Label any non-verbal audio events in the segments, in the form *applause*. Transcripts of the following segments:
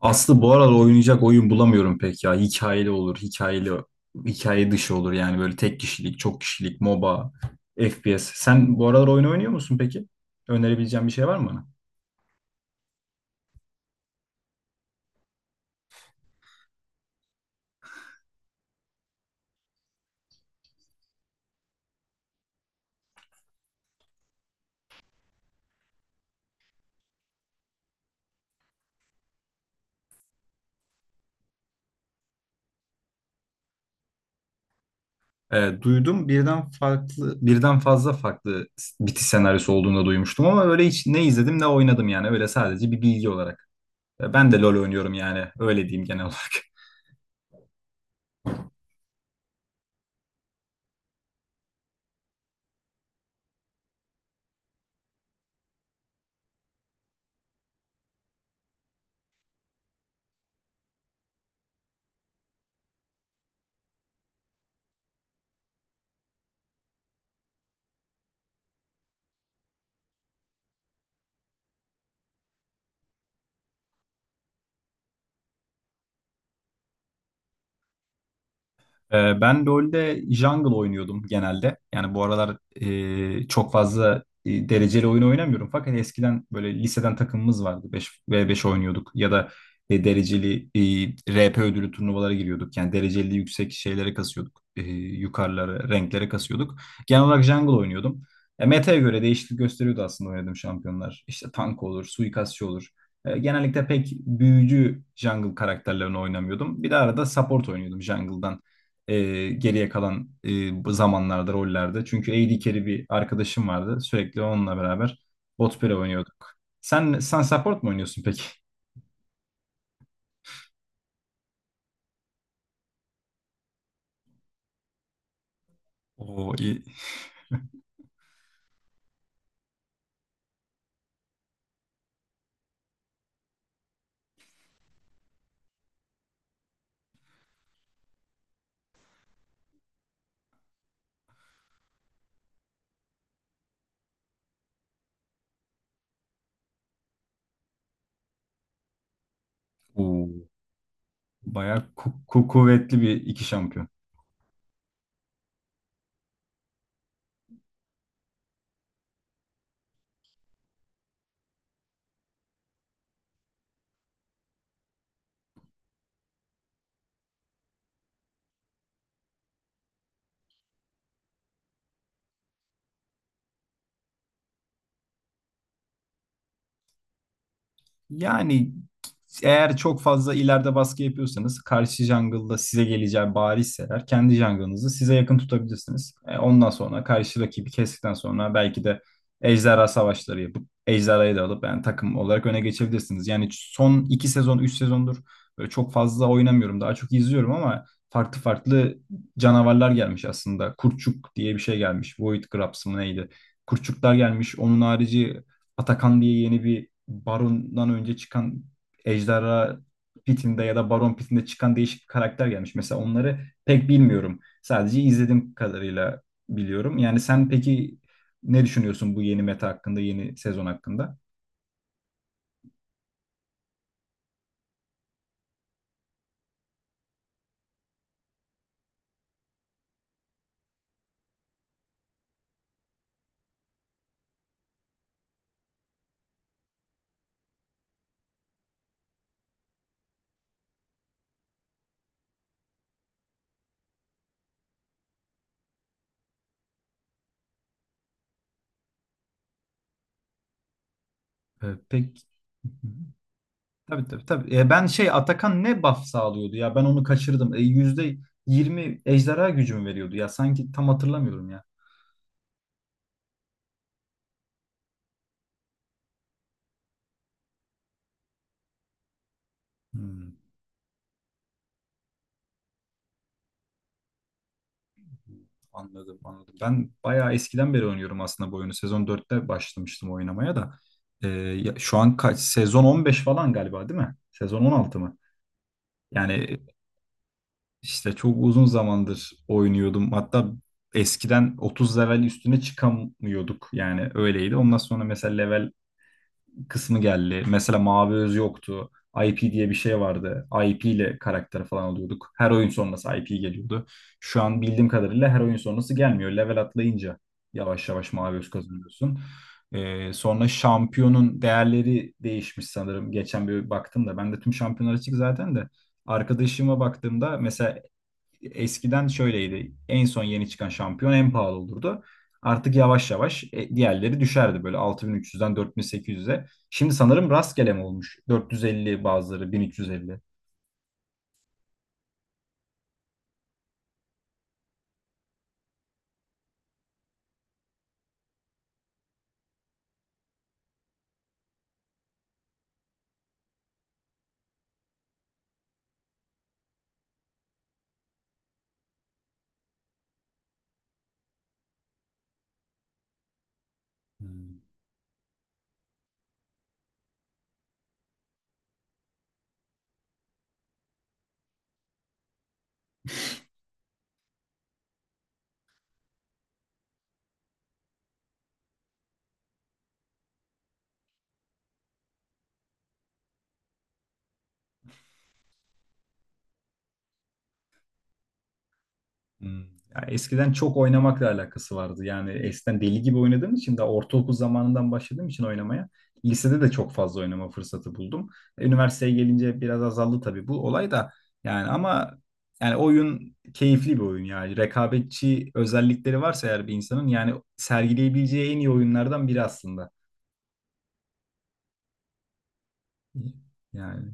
Aslı bu aralar oynayacak oyun bulamıyorum pek ya. Hikayeli olur, hikayeli, hikaye dışı olur yani böyle tek kişilik, çok kişilik, MOBA, FPS. Sen bu aralar oyun oynuyor musun peki? Önerebileceğin bir şey var mı bana? Duydum birden fazla farklı bitiş senaryosu olduğunu da duymuştum ama öyle hiç ne izledim ne oynadım yani öyle sadece bir bilgi olarak. Ben de LoL oynuyorum yani öyle diyeyim genel olarak. *laughs* Ben LoL'de jungle oynuyordum genelde. Yani bu aralar çok fazla dereceli oyun oynamıyorum. Fakat hani eskiden böyle liseden takımımız vardı. 5v5 oynuyorduk ya da dereceli RP ödülü turnuvalara giriyorduk. Yani dereceli yüksek şeylere kasıyorduk. Yukarılara, renklere kasıyorduk. Genel olarak jungle oynuyordum. Meta'ya göre değişiklik gösteriyordu aslında oynadığım şampiyonlar. İşte tank olur, suikastçı olur. Genellikle pek büyücü jungle karakterlerini oynamıyordum. Bir de arada support oynuyordum jungle'dan geriye kalan bu zamanlarda rollerde. Çünkü A D carry bir arkadaşım vardı. Sürekli onunla beraber bot pire oynuyorduk. Sen support mu oynuyorsun peki? Oo, iyi. Oo, bayağı kuvvetli bir iki şampiyon. Yani eğer çok fazla ileride baskı yapıyorsanız karşı jungle'da size geleceği barizse kendi jungle'ınızı size yakın tutabilirsiniz. Ondan sonra karşı rakibi kestikten sonra belki de ejderha savaşları yapıp ejderhayı da alıp yani takım olarak öne geçebilirsiniz. Yani son iki sezon, üç sezondur böyle çok fazla oynamıyorum. Daha çok izliyorum ama farklı farklı canavarlar gelmiş aslında. Kurçuk diye bir şey gelmiş. Void Grabs mı neydi? Kurçuklar gelmiş. Onun harici Atakan diye yeni bir Baron'dan önce çıkan Ejderha Pit'inde ya da Baron Pit'inde çıkan değişik bir karakter gelmiş. Mesela onları pek bilmiyorum. Sadece izlediğim kadarıyla biliyorum. Yani sen peki ne düşünüyorsun bu yeni meta hakkında, yeni sezon hakkında? Pek Tabii tabii tabii. Ben şey Atakan ne buff sağlıyordu ya ben onu kaçırdım. %20 ejderha gücümü veriyordu ya sanki tam hatırlamıyorum ya. Hmm, anladım anladım. Ben bayağı eskiden beri oynuyorum aslında bu oyunu. Sezon dörtte başlamıştım oynamaya da. Şu an kaç? Sezon 15 falan galiba değil mi? Sezon 16 mı? Yani işte çok uzun zamandır oynuyordum. Hatta eskiden 30 level üstüne çıkamıyorduk. Yani öyleydi. Ondan sonra mesela level kısmı geldi. Mesela Mavi Öz yoktu. IP diye bir şey vardı. IP ile karakter falan alıyorduk. Her oyun sonrası IP geliyordu. Şu an bildiğim kadarıyla her oyun sonrası gelmiyor. Level atlayınca yavaş yavaş Mavi Öz kazanıyorsun. Sonra şampiyonun değerleri değişmiş sanırım. Geçen bir baktım da ben de tüm şampiyonlar açık zaten de. Arkadaşıma baktığımda mesela eskiden şöyleydi. En son yeni çıkan şampiyon en pahalı olurdu. Artık yavaş yavaş diğerleri düşerdi böyle 6300'den 4800'e. Şimdi sanırım rastgele mi olmuş? 450 bazıları 1350. Hmm. Hmm. Ya eskiden çok oynamakla alakası vardı. Yani eskiden deli gibi oynadığım için de ortaokul zamanından başladığım için oynamaya lisede de çok fazla oynama fırsatı buldum. Üniversiteye gelince biraz azaldı tabii bu olay da. Yani ama yani oyun keyifli bir oyun yani. Rekabetçi özellikleri varsa eğer bir insanın yani sergileyebileceği en iyi oyunlardan biri aslında. Yani,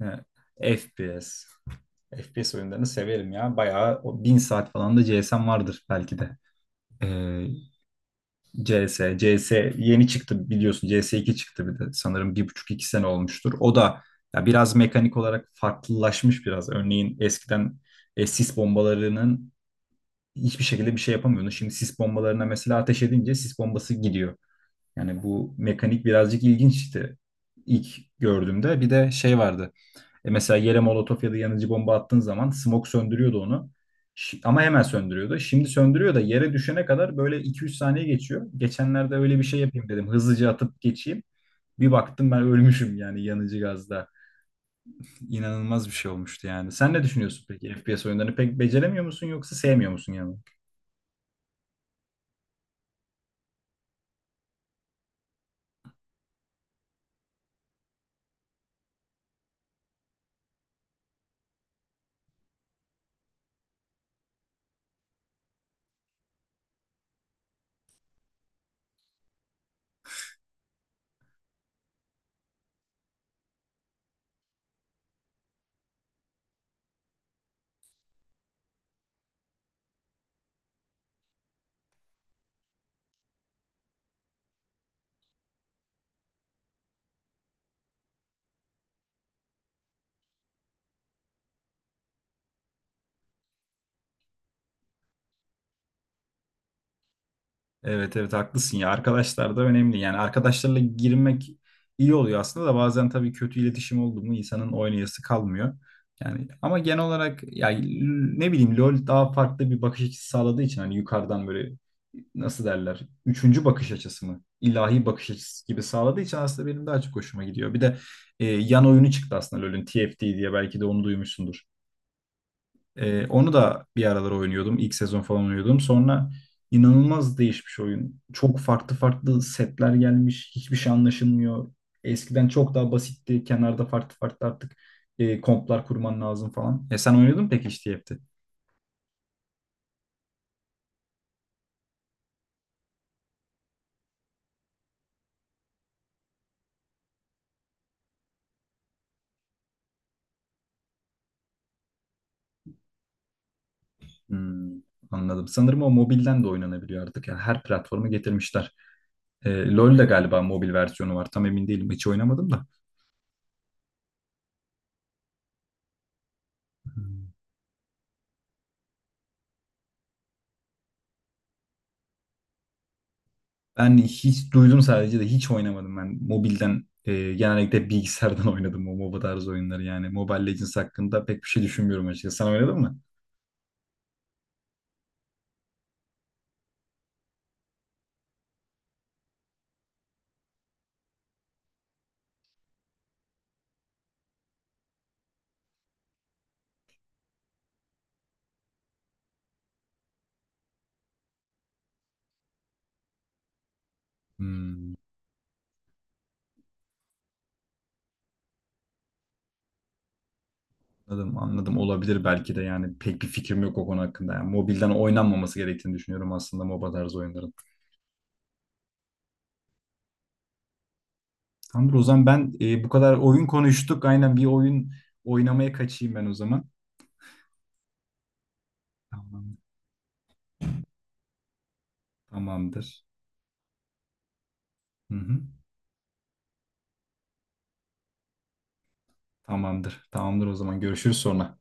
yani FPS. FPS oyunlarını severim ya. Bayağı o bin saat falan da CS'm vardır belki de. Ee, CS yeni çıktı biliyorsun. CS2 çıktı bir de sanırım bir buçuk iki sene olmuştur. O da ya biraz mekanik olarak farklılaşmış biraz. Örneğin eskiden sis bombalarının hiçbir şekilde bir şey yapamıyordun. Şimdi sis bombalarına mesela ateş edince sis bombası gidiyor. Yani bu mekanik birazcık ilginçti ilk gördüğümde. Bir de şey vardı. Mesela yere molotof ya da yanıcı bomba attığın zaman smoke söndürüyordu onu. Ama hemen söndürüyordu. Şimdi söndürüyor da yere düşene kadar böyle 2-3 saniye geçiyor. Geçenlerde öyle bir şey yapayım dedim. Hızlıca atıp geçeyim. Bir baktım ben ölmüşüm yani yanıcı gazda. İnanılmaz bir şey olmuştu yani. Sen ne düşünüyorsun peki? FPS oyunlarını pek beceremiyor musun yoksa sevmiyor musun yani? Evet evet haklısın ya arkadaşlar da önemli yani arkadaşlarla girmek iyi oluyor aslında da bazen tabii kötü iletişim oldu mu insanın oynayası kalmıyor. Yani ama genel olarak ya ne bileyim LoL daha farklı bir bakış açısı sağladığı için hani yukarıdan böyle nasıl derler üçüncü bakış açısı mı ilahi bakış açısı gibi sağladığı için aslında benim daha çok hoşuma gidiyor. Bir de yan oyunu çıktı aslında LoL'ün TFT diye belki de onu duymuşsundur. Onu da bir aralar oynuyordum. İlk sezon falan oynuyordum. Sonra inanılmaz değişmiş oyun. Çok farklı farklı setler gelmiş. Hiçbir şey anlaşılmıyor. Eskiden çok daha basitti. Kenarda farklı farklı artık komplar kurman lazım falan. Sen oynuyordun mu peki işte hepti. Hmm, anladım. Sanırım o mobilden de oynanabiliyor artık. Yani her platforma getirmişler. LoL de galiba mobil versiyonu var. Tam emin değilim. Hiç oynamadım da. Hmm. Ben hiç duydum sadece de hiç oynamadım ben. Mobilden genellikle bilgisayardan *laughs* oynadım o MOBA tarzı oyunları yani. Mobile Legends hakkında pek bir şey düşünmüyorum açıkçası. Sen oynadın mı? Hmm, anladım anladım olabilir belki de yani pek bir fikrim yok o konu hakkında. Yani mobilden oynanmaması gerektiğini düşünüyorum aslında MOBA tarzı oyunların. Tamamdır o zaman ben bu kadar oyun konuştuk. Aynen bir oyun oynamaya kaçayım ben o zaman. Tamam, tamamdır. Hı hı. Tamamdır. Tamamdır o zaman görüşürüz sonra.